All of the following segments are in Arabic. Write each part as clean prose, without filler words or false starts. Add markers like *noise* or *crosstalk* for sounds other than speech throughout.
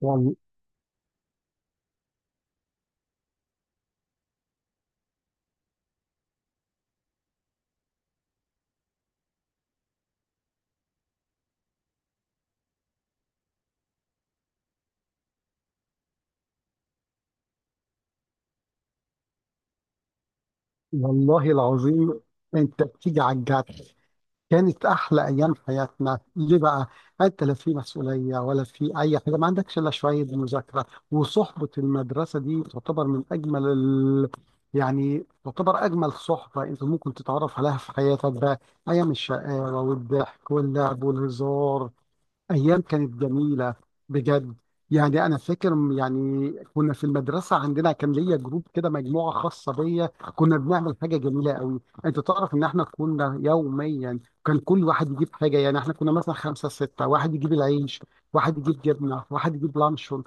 وال- والله العظيم، انت بتيجي على الجد. كانت احلى ايام حياتنا، ليه بقى؟ انت لا في مسؤوليه ولا في اي حاجه، ما عندكش الا شويه مذاكره. وصحبه المدرسه دي تعتبر من يعني تعتبر اجمل صحبه انت ممكن تتعرف عليها في حياتك بقى. ايام الشقاوه والضحك واللعب والهزار، أيام كانت جميلة بجد. يعني أنا فاكر يعني كنا في المدرسة، عندنا كان ليا جروب كده، مجموعة خاصة بيا. كنا بنعمل حاجة جميلة قوي، أنت تعرف إن إحنا كنا يوميا كان كل واحد يجيب حاجة. يعني إحنا كنا مثلا خمسة ستة، واحد يجيب العيش، واحد يجيب جبنة، واحد يجيب لانشون،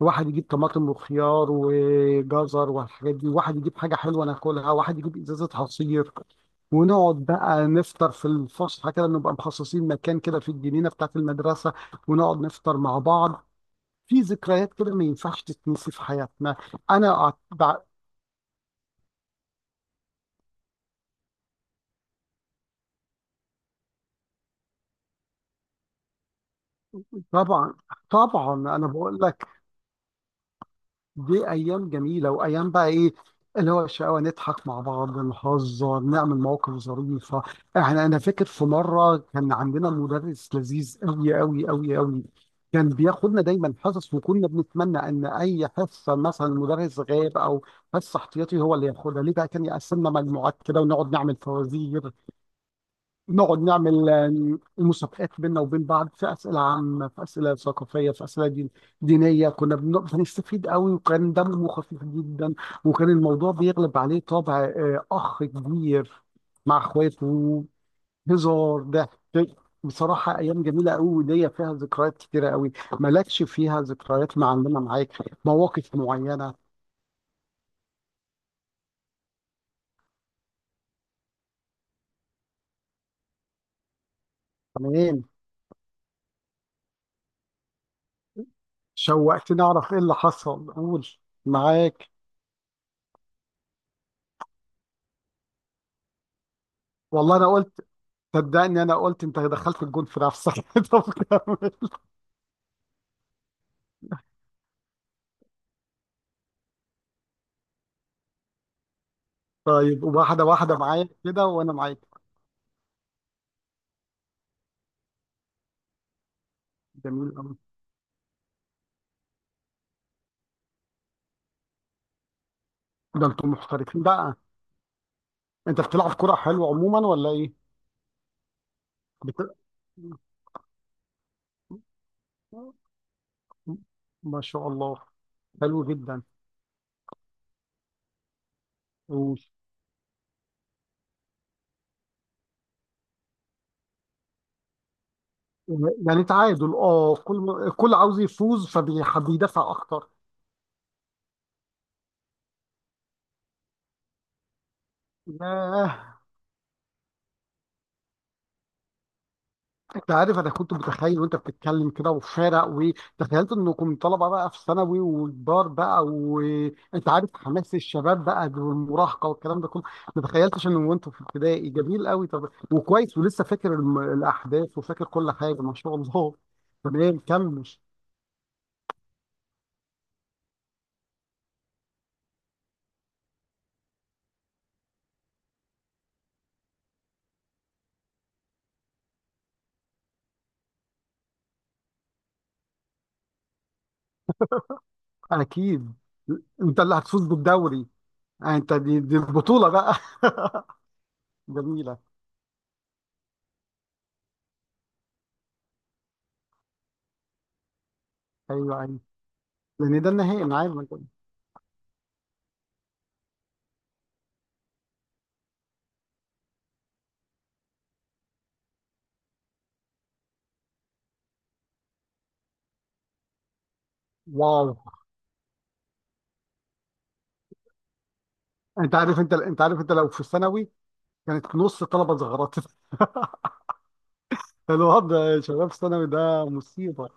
واحد يجيب طماطم وخيار وجزر والحاجات دي، واحد يجيب حاجة حلوة ناكلها، واحد يجيب إزازة عصير. ونقعد بقى نفطر في الفسحه كده، نبقى مخصصين مكان كده في الجنينه بتاعت المدرسه، ونقعد نفطر مع بعض. في ذكريات كده ما ينفعش تتنسي في حياتنا. انا أعت- بع- طبعا، طبعا انا بقول لك، دي ايام جميله، وايام بقى ايه؟ اللي هو الشقاوه، نضحك مع بعض، نهزر، نعمل مواقف ظريفه. انا فاكر في مره كان عندنا مدرس لذيذ قوي قوي قوي قوي. كان بياخدنا دايما حصص، وكنا بنتمنى ان اي حصه مثلا المدرس غاب، او حصه احتياطي هو اللي ياخدها، ليه بقى؟ كان يقسمنا مجموعات كده ونقعد نعمل فوازير، نقعد نعمل مسابقات بيننا وبين بعض، في اسئله عامه، في اسئله ثقافيه، في اسئله دينيه. بنستفيد قوي، وكان دمه خفيف جدا. وكان الموضوع بيغلب عليه طابع اخ كبير مع اخواته، هزار، ضحك. بصراحه ايام جميله قوي، وليا فيها ذكريات كتيره قوي. مالكش فيها ذكريات معلمه معاك؟ مواقف معينه؟ تمام. شوقتني اعرف ايه اللي حصل، قول. معاك. والله انا قلت، صدقني انا قلت انت دخلت الجول في نفسك. *laughs* طب كمل. طيب واحده واحده معايا كده وانا معاك. جميل قوي. ده انتم محترفين بقى. انت بتلعب كرة حلو عموما ولا ايه؟ بت... ما شاء الله، حلو جدا. و- يعني تعادل، اه، كل عاوز يفوز، فبيدافع اكتر. ياه. انت عارف انا كنت متخيل وانت بتتكلم كده وفارق، وتخيلت انكم طلبه بقى في ثانوي وكبار بقى، وانت عارف حماس الشباب بقى والمراهقه والكلام ده كله. ما تخيلتش ان وانتوا في ابتدائي. جميل قوي. طب وكويس ولسه فاكر الاحداث وفاكر كل حاجه، ما شاء الله. *laughs* تمام كمل. اكيد. انت اللي هتفوز بالدوري. آه، انت دي البطوله بقى. *laughs* جميله. ايوه ايوه، لان ده النهائي انا عارف. واو. انت عارف، انت عارف، انت لو في ثانوي كانت نص الطلبه اتزغرت. *laughs* الوضع يا شباب ثانوي ده مصيبه.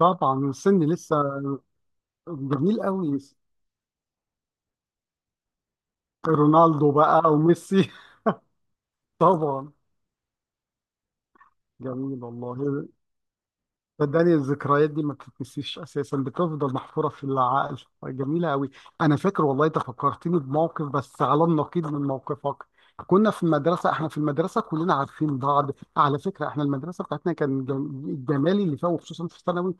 طبعا السن لسه. جميل قوي. رونالدو بقى وميسي. *laughs* طبعا. جميل والله. صدقني الذكريات دي ما بتتنسيش، اساسا بتفضل محفوره في العقل. جميله قوي. انا فاكر والله انت فكرتني بموقف، بس على النقيض من موقفك. كنا في المدرسه، احنا في المدرسه كلنا عارفين بعض. على فكره احنا المدرسه بتاعتنا كان الجمالي اللي فيها، وخصوصا في الثانوي،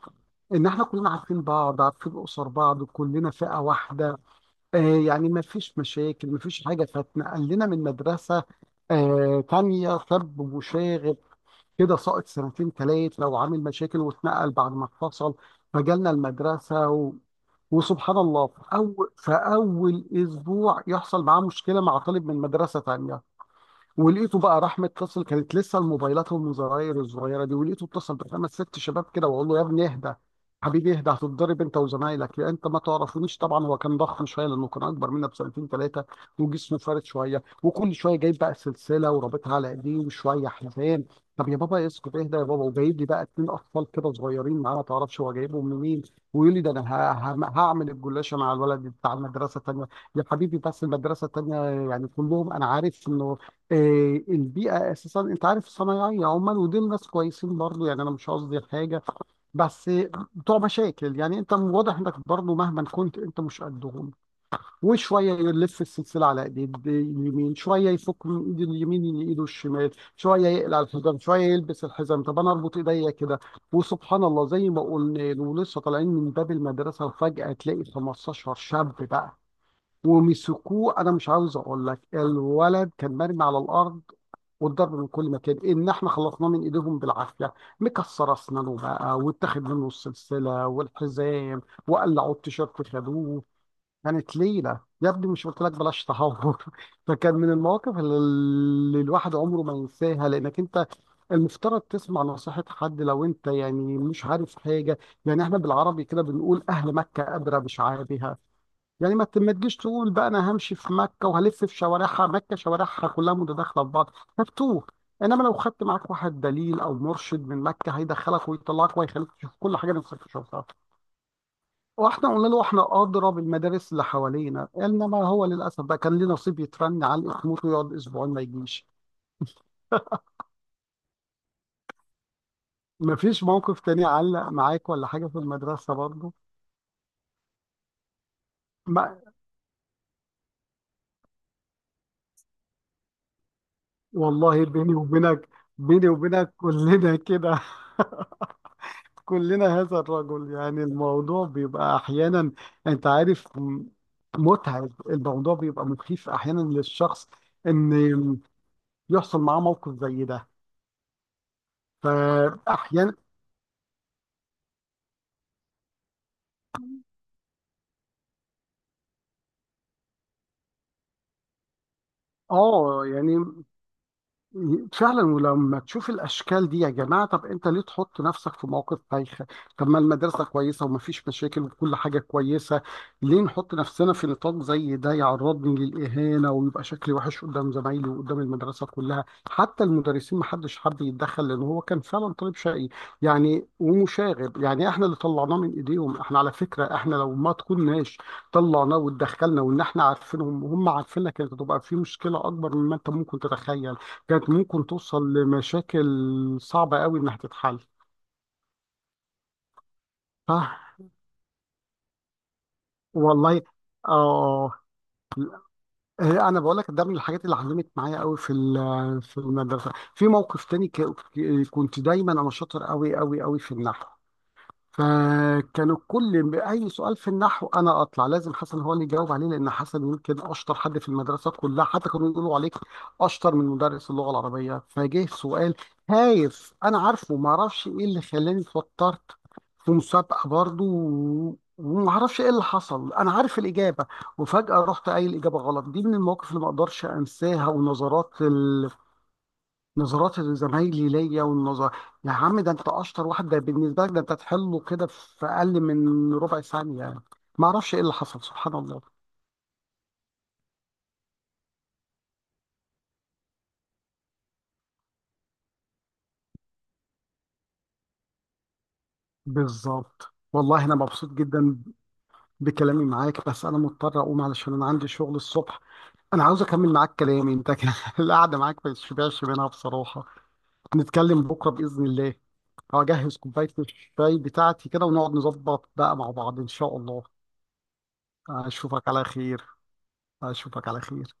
ان احنا كلنا عارفين بعض، عارفين اسر بعض، كلنا فئه واحده. آه، يعني ما فيش مشاكل ما فيش حاجه. فاتنقل لنا من مدرسه آه تانية سب وشاغل كده، ساقط سنتين تلات، لو عامل مشاكل واتنقل بعد ما اتفصل. فجالنا المدرسة وسبحان الله، في أول أسبوع يحصل معاه مشكلة مع طالب من مدرسة تانية. ولقيته بقى راح متصل، كانت لسه الموبايلات والمزراير الصغيره دي، ولقيته اتصل بخمس ست شباب كده. واقول له: يا ابني اهدى، حبيبي اهدى، هتتضرب انت وزمايلك، يا انت ما تعرفونيش. طبعا هو كان ضخم شويه لانه كان اكبر منا بسنتين ثلاثه، وجسمه فارد شويه، وكل شويه جايب بقى سلسله ورابطها على ايديه، وشويه حزام. طب يا بابا اسكت اهدى يا بابا. وجايب لي بقى اتنين اطفال كده صغيرين معاه، ما تعرفش هو جايبهم منين. ويقول لي: ده انا هعمل الجلاشه مع الولد بتاع المدرسه الثانيه. يا حبيبي، بس المدرسه الثانيه يعني كلهم انا عارف انه، آه، البيئة أساسا، أنت عارف، صنايعية، عمال، ودول ناس كويسين برضو، يعني أنا مش قصدي حاجة، بس بتوع مشاكل. يعني أنت واضح إنك برضو مهما كنت أنت مش قدهم. وشوية يلف السلسلة على إيد اليمين، شوية يفك من إيد اليمين لإيده الشمال، شوية يقلع الحزام، شوية يلبس الحزام. طب أنا أربط إيديا كده. وسبحان الله، زي ما قلنا، ولسه طالعين من باب المدرسة وفجأة تلاقي 15 شاب بقى ومسكوه. انا مش عاوز اقول لك، الولد كان مرمي على الارض والضرب من كل مكان، ان احنا خلصناه من ايديهم بالعافيه. مكسر اسنانه بقى، واتاخد منه السلسله والحزام، وقلعوا التيشيرت خدوه. كانت ليله. يا ابني مش قلت لك بلاش تهور. *laughs* فكان من المواقف اللي الواحد عمره ما ينساها، لانك انت المفترض تسمع نصيحة حد لو انت يعني مش عارف حاجة. يعني احنا بالعربي كده بنقول: اهل مكة ادرى بشعابها. يعني ما تجيش تقول بقى انا همشي في مكه وهلف في شوارعها، مكه شوارعها كلها متداخله في بعض، هتوه. انما لو خدت معاك واحد دليل او مرشد من مكه، هيدخلك ويطلعك ويخليك تشوف كل حاجه نفسك تشوفها. واحنا قلنا له احنا اضرب المدارس اللي حوالينا، انما هو للاسف بقى كان ليه نصيب يترن على، يموت ويقعد اسبوعين ما يجيش. ما فيش موقف تاني علق معاك ولا حاجه في المدرسه برضه؟ ما والله، بيني وبينك، بيني وبينك كلنا كده. *laughs* كلنا هذا الرجل. يعني الموضوع بيبقى احيانا، انت عارف، متعب. الموضوع بيبقى مخيف احيانا للشخص ان يحصل معاه موقف زي ده. فاحيانا اه، يعني فعلا. ولما تشوف الاشكال دي يا جماعه، طب انت ليه تحط نفسك في موقف بايخ؟ طب ما المدرسه كويسه ومفيش مشاكل وكل حاجه كويسه. ليه نحط نفسنا في نطاق زي ده يعرضني للاهانه ويبقى شكلي وحش قدام زمايلي وقدام المدرسه كلها؟ حتى المدرسين محدش حب يتدخل، لان هو كان فعلا طالب شقي يعني، ومشاغب. يعني احنا اللي طلعناه من ايديهم. احنا على فكره، احنا لو ما تكوناش طلعناه واتدخلنا، وان احنا عارفينهم وهم عارفيننا، كانت هتبقى في مشكله اكبر مما انت ممكن تتخيل. كانت ممكن توصل لمشاكل صعبة قوي إنها تتحل. ها. والله. آه. آه، أنا بقول لك ده من الحاجات اللي علمت معايا قوي، في المدرسة. في موقف تاني كنت دايما أنا شاطر قوي قوي قوي في النحو. فكانوا كل اي سؤال في النحو انا اطلع لازم حسن هو اللي يجاوب عليه، لان حسن يمكن اشطر حد في المدرسات كلها. حتى كانوا يقولوا عليك اشطر من مدرس اللغه العربيه. فجه سؤال هايف انا عارفه، ما اعرفش ايه اللي خلاني اتوترت في مسابقه برضو. وما اعرفش ايه اللي حصل، انا عارف الاجابه وفجاه رحت قايل الاجابه غلط. دي من المواقف اللي ما اقدرش انساها، والنظرات، نظرات زمايلي ليا. والنظر: يا عم ده انت اشطر واحد، ده بالنسبه لك ده انت تحله كده في اقل من ربع ثانيه يعني. ما اعرفش ايه اللي حصل، سبحان الله. بالظبط والله. انا مبسوط جدا بكلامي معاك، بس انا مضطر اقوم علشان انا عندي شغل الصبح. انا عاوز اكمل معاك كلامي انت كده. *laughs* القعده معاك ما تشبعش منها بصراحه. نتكلم بكره باذن الله. هجهز كوبايه الشاي بتاعتي كده ونقعد نظبط بقى مع بعض ان شاء الله. اشوفك على خير. اشوفك على خير.